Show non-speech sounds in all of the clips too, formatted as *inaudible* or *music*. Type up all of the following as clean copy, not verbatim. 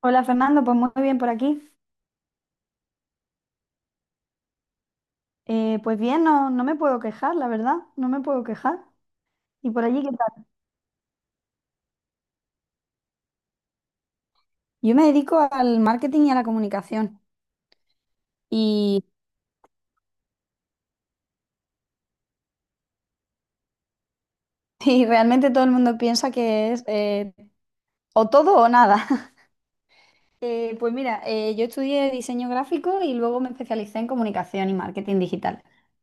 Hola Fernando, pues muy bien por aquí. Pues bien, no, no me puedo quejar, la verdad, no me puedo quejar. ¿Y por allí qué tal? Yo me dedico al marketing y a la comunicación y, *laughs* y realmente todo el mundo piensa que es o todo o nada. *laughs* Pues mira, yo estudié diseño gráfico y luego me especialicé en comunicación y marketing digital.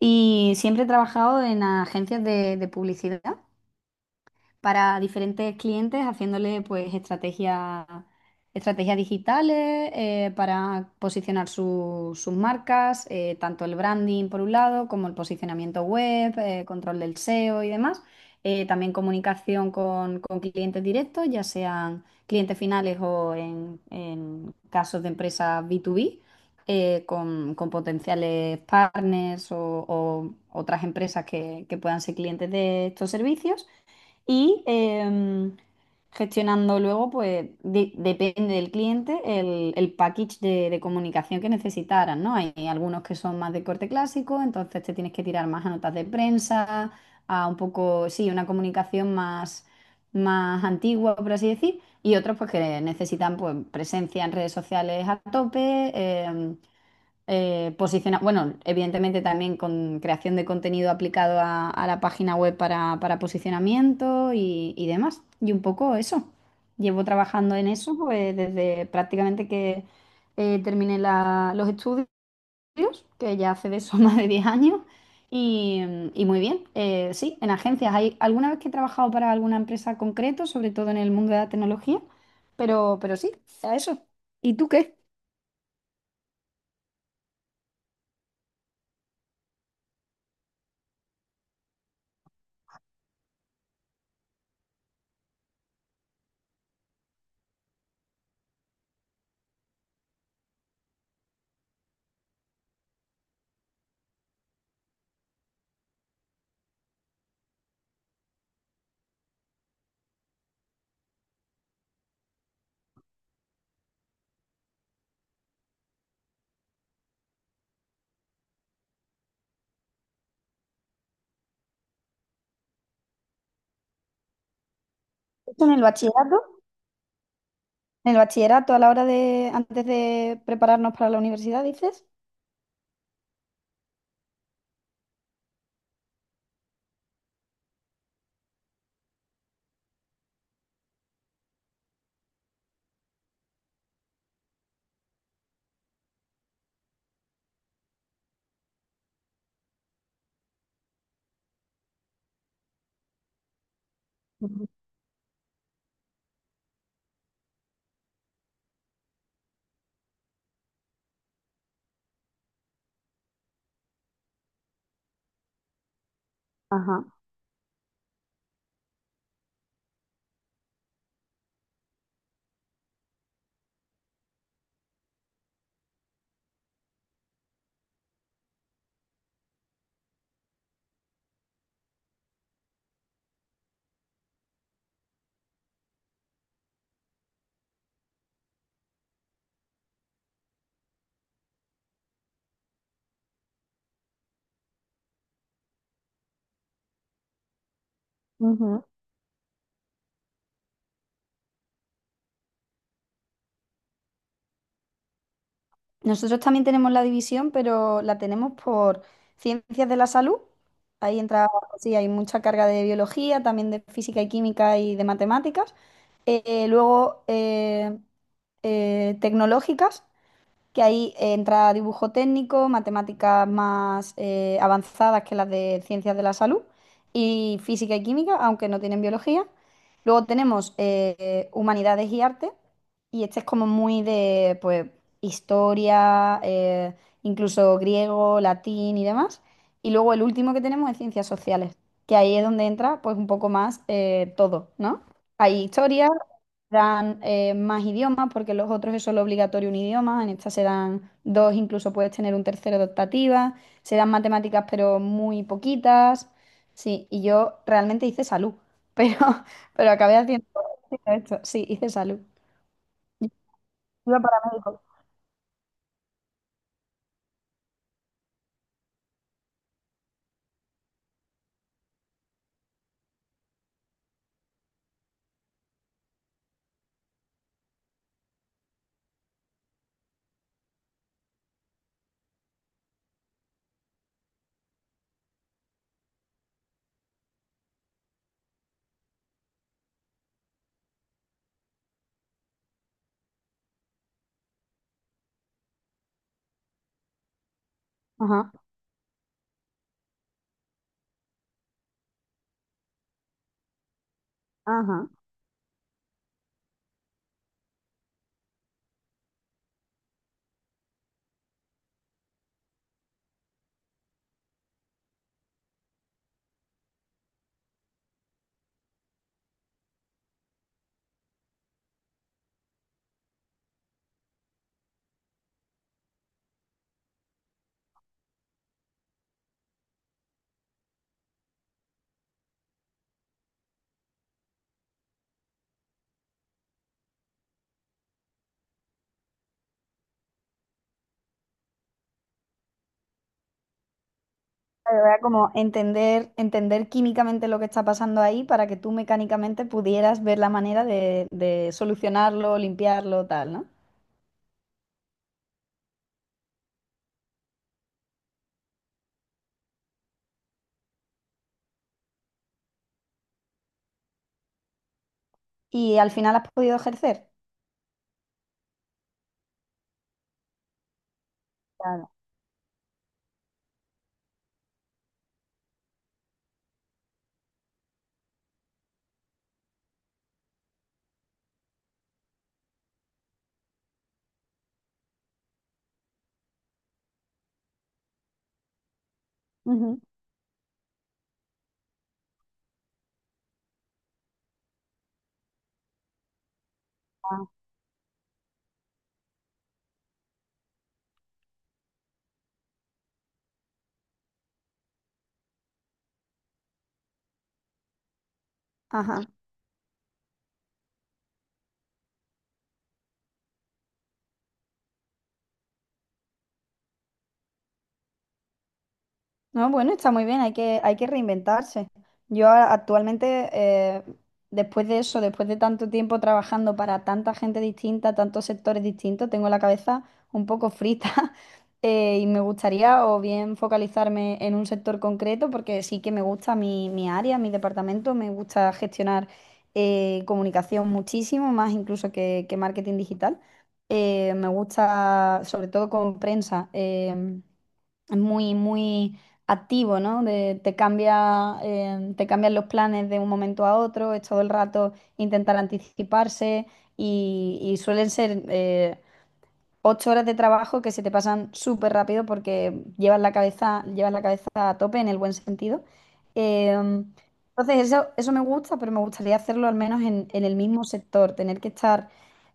Y siempre he trabajado en agencias de publicidad, para diferentes clientes, haciéndole pues estrategias digitales, para posicionar sus marcas, tanto el branding por un lado, como el posicionamiento web, control del SEO y demás. También comunicación con clientes directos, ya sean clientes finales o en casos de empresas B2B, con potenciales partners o otras empresas que puedan ser clientes de estos servicios y gestionando luego, pues depende del cliente, el package de comunicación que necesitaran, ¿no? Hay algunos que son más de corte clásico, entonces te tienes que tirar más a notas de prensa, a un poco, sí, una comunicación más, más antigua, por así decir, y otros pues que necesitan pues presencia en redes sociales a tope. em, bueno, evidentemente también con creación de contenido aplicado a la página web para posicionamiento y demás. Y un poco eso. Llevo trabajando en eso pues desde prácticamente que terminé los estudios, que ya hace de eso *laughs* más de 10 años. Y, y muy bien. Sí, en agencias. Hay alguna vez que he trabajado para alguna empresa concreto, sobre todo en el mundo de la tecnología, pero sí, a eso. ¿Y tú qué? ¿Esto en el bachillerato? En el bachillerato, a la hora de, antes de prepararnos para la universidad, dices. Ujú. Ajá. Ujú. Nosotros también tenemos la división, pero la tenemos por ciencias de la salud. Ahí entra, sí, hay mucha carga de biología, también de física y química y de matemáticas. Luego tecnológicas, que ahí entra dibujo técnico, matemáticas más avanzadas que las de ciencias de la salud y física y química, aunque no tienen biología. Luego tenemos humanidades y arte, y este es como muy de pues historia, incluso griego, latín y demás. Y luego el último que tenemos es ciencias sociales, que ahí es donde entra pues un poco más todo, ¿no? Hay historia, dan más idiomas, porque los otros es solo obligatorio un idioma, en esta se dan dos, incluso puedes tener un tercero de optativa, se dan matemáticas pero muy poquitas. Sí, y yo realmente hice salud, pero *laughs* pero acabé haciendo esto. Sí, hice salud. Iba para médico. Ajá, ajá. Pero era como entender, entender químicamente lo que está pasando ahí para que tú mecánicamente pudieras ver la manera de solucionarlo, limpiarlo, tal, ¿no? Y al final has podido ejercer. Claro. Ajá. No, bueno, está muy bien, hay que reinventarse. Yo actualmente, después de eso, después de tanto tiempo trabajando para tanta gente distinta, tantos sectores distintos, tengo la cabeza un poco frita, *laughs* y me gustaría o bien focalizarme en un sector concreto, porque sí que me gusta mi área, mi departamento, me gusta gestionar comunicación muchísimo, más incluso que marketing digital. Me gusta, sobre todo con prensa. Muy, muy activo, ¿no? Te cambia, te cambian los planes de un momento a otro, es todo el rato intentar anticiparse y suelen ser, 8 horas de trabajo que se te pasan súper rápido porque llevas la cabeza a tope en el buen sentido. Entonces, eso me gusta, pero me gustaría hacerlo al menos en el mismo sector. Tener que estar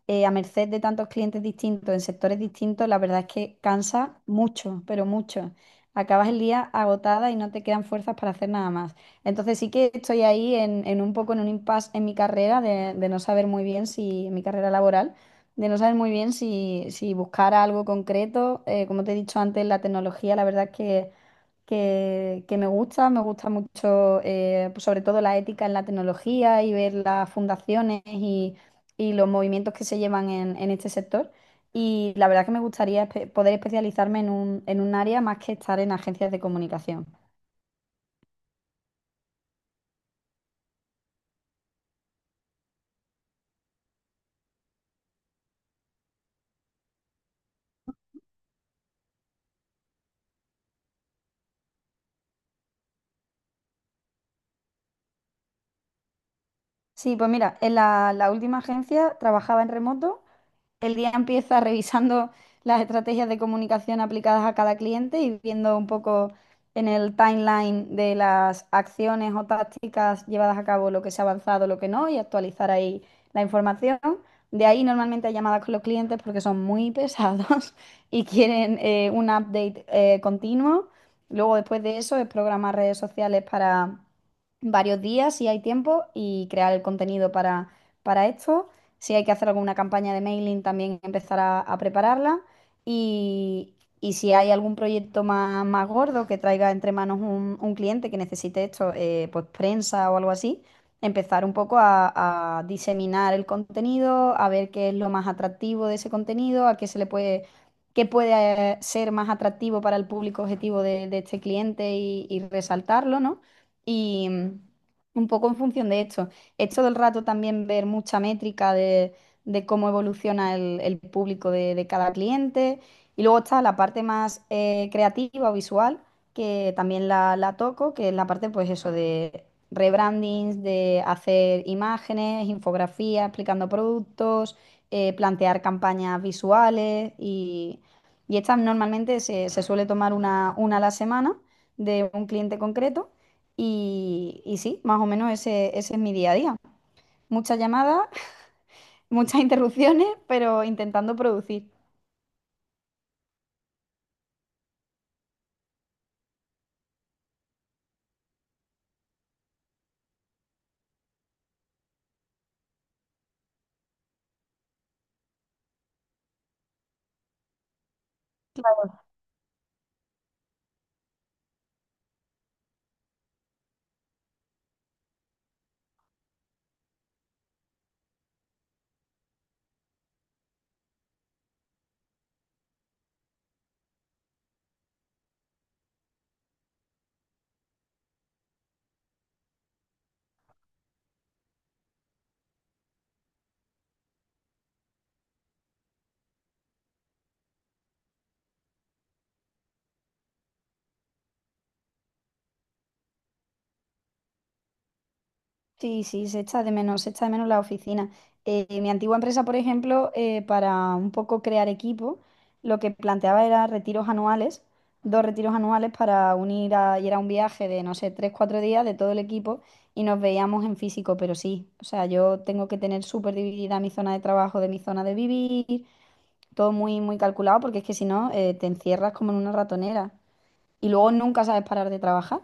a merced de tantos clientes distintos, en sectores distintos, la verdad es que cansa mucho, pero mucho. Acabas el día agotada y no te quedan fuerzas para hacer nada más. Entonces sí que estoy ahí en un poco en un impasse en mi carrera de no saber muy bien si en mi carrera laboral de no saber muy bien si, si buscar algo concreto. Como te he dicho antes, la tecnología, la verdad es que me gusta mucho, pues sobre todo la ética en la tecnología y ver las fundaciones y los movimientos que se llevan en este sector. Y la verdad que me gustaría poder especializarme en un área más que estar en agencias de comunicación. Sí, pues mira, en la última agencia trabajaba en remoto. El día empieza revisando las estrategias de comunicación aplicadas a cada cliente y viendo un poco en el timeline de las acciones o tácticas llevadas a cabo, lo que se ha avanzado, lo que no, y actualizar ahí la información. De ahí normalmente hay llamadas con los clientes porque son muy pesados *laughs* y quieren un update continuo. Luego después de eso es programar redes sociales para varios días si hay tiempo y crear el contenido para esto. Si hay que hacer alguna campaña de mailing, también empezar a prepararla. Y, y si hay algún proyecto más, más gordo que traiga entre manos un cliente que necesite esto, pues prensa o algo así, empezar un poco a diseminar el contenido, a ver qué es lo más atractivo de ese contenido, a qué se le puede, qué puede ser más atractivo para el público objetivo de este cliente y resaltarlo, ¿no? Y un poco en función de esto es todo el rato también ver mucha métrica de cómo evoluciona el público de cada cliente. Y luego está la parte más creativa o visual, que también la toco, que es la parte, pues eso, de rebrandings, de hacer imágenes, infografías, explicando productos, plantear campañas visuales, y estas normalmente se suele tomar una a la semana de un cliente concreto. Y sí, más o menos ese es mi día a día. Muchas llamadas, *laughs* muchas interrupciones, pero intentando producir. Sí, sí, se echa de menos, se echa de menos la oficina. Mi antigua empresa, por ejemplo, para un poco crear equipo, lo que planteaba era retiros anuales, dos retiros anuales para unir y era un viaje de, no sé, 3, 4 días de todo el equipo y nos veíamos en físico, pero sí, o sea, yo tengo que tener súper dividida mi zona de trabajo de mi zona de vivir, todo muy, muy calculado, porque es que si no, te encierras como en una ratonera y luego nunca sabes parar de trabajar.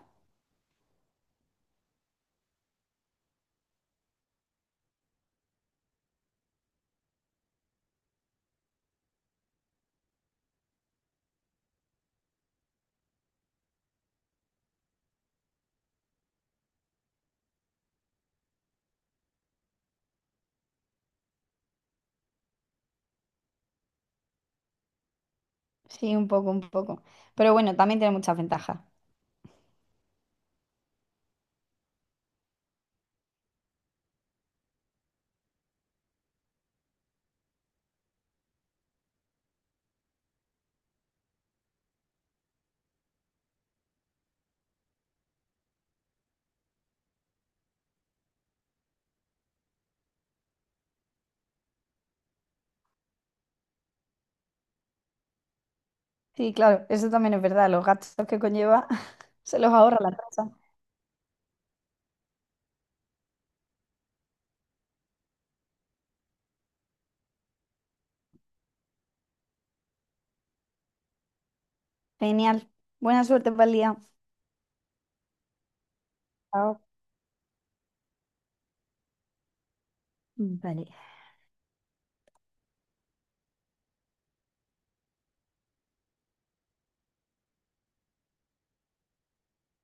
Sí, un poco, un poco. Pero bueno, también tiene muchas ventajas. Sí, claro, eso también es verdad. Los gastos que conlleva *laughs* se los ahorra la empresa. Genial. Buena suerte para el día. Chao. Vale.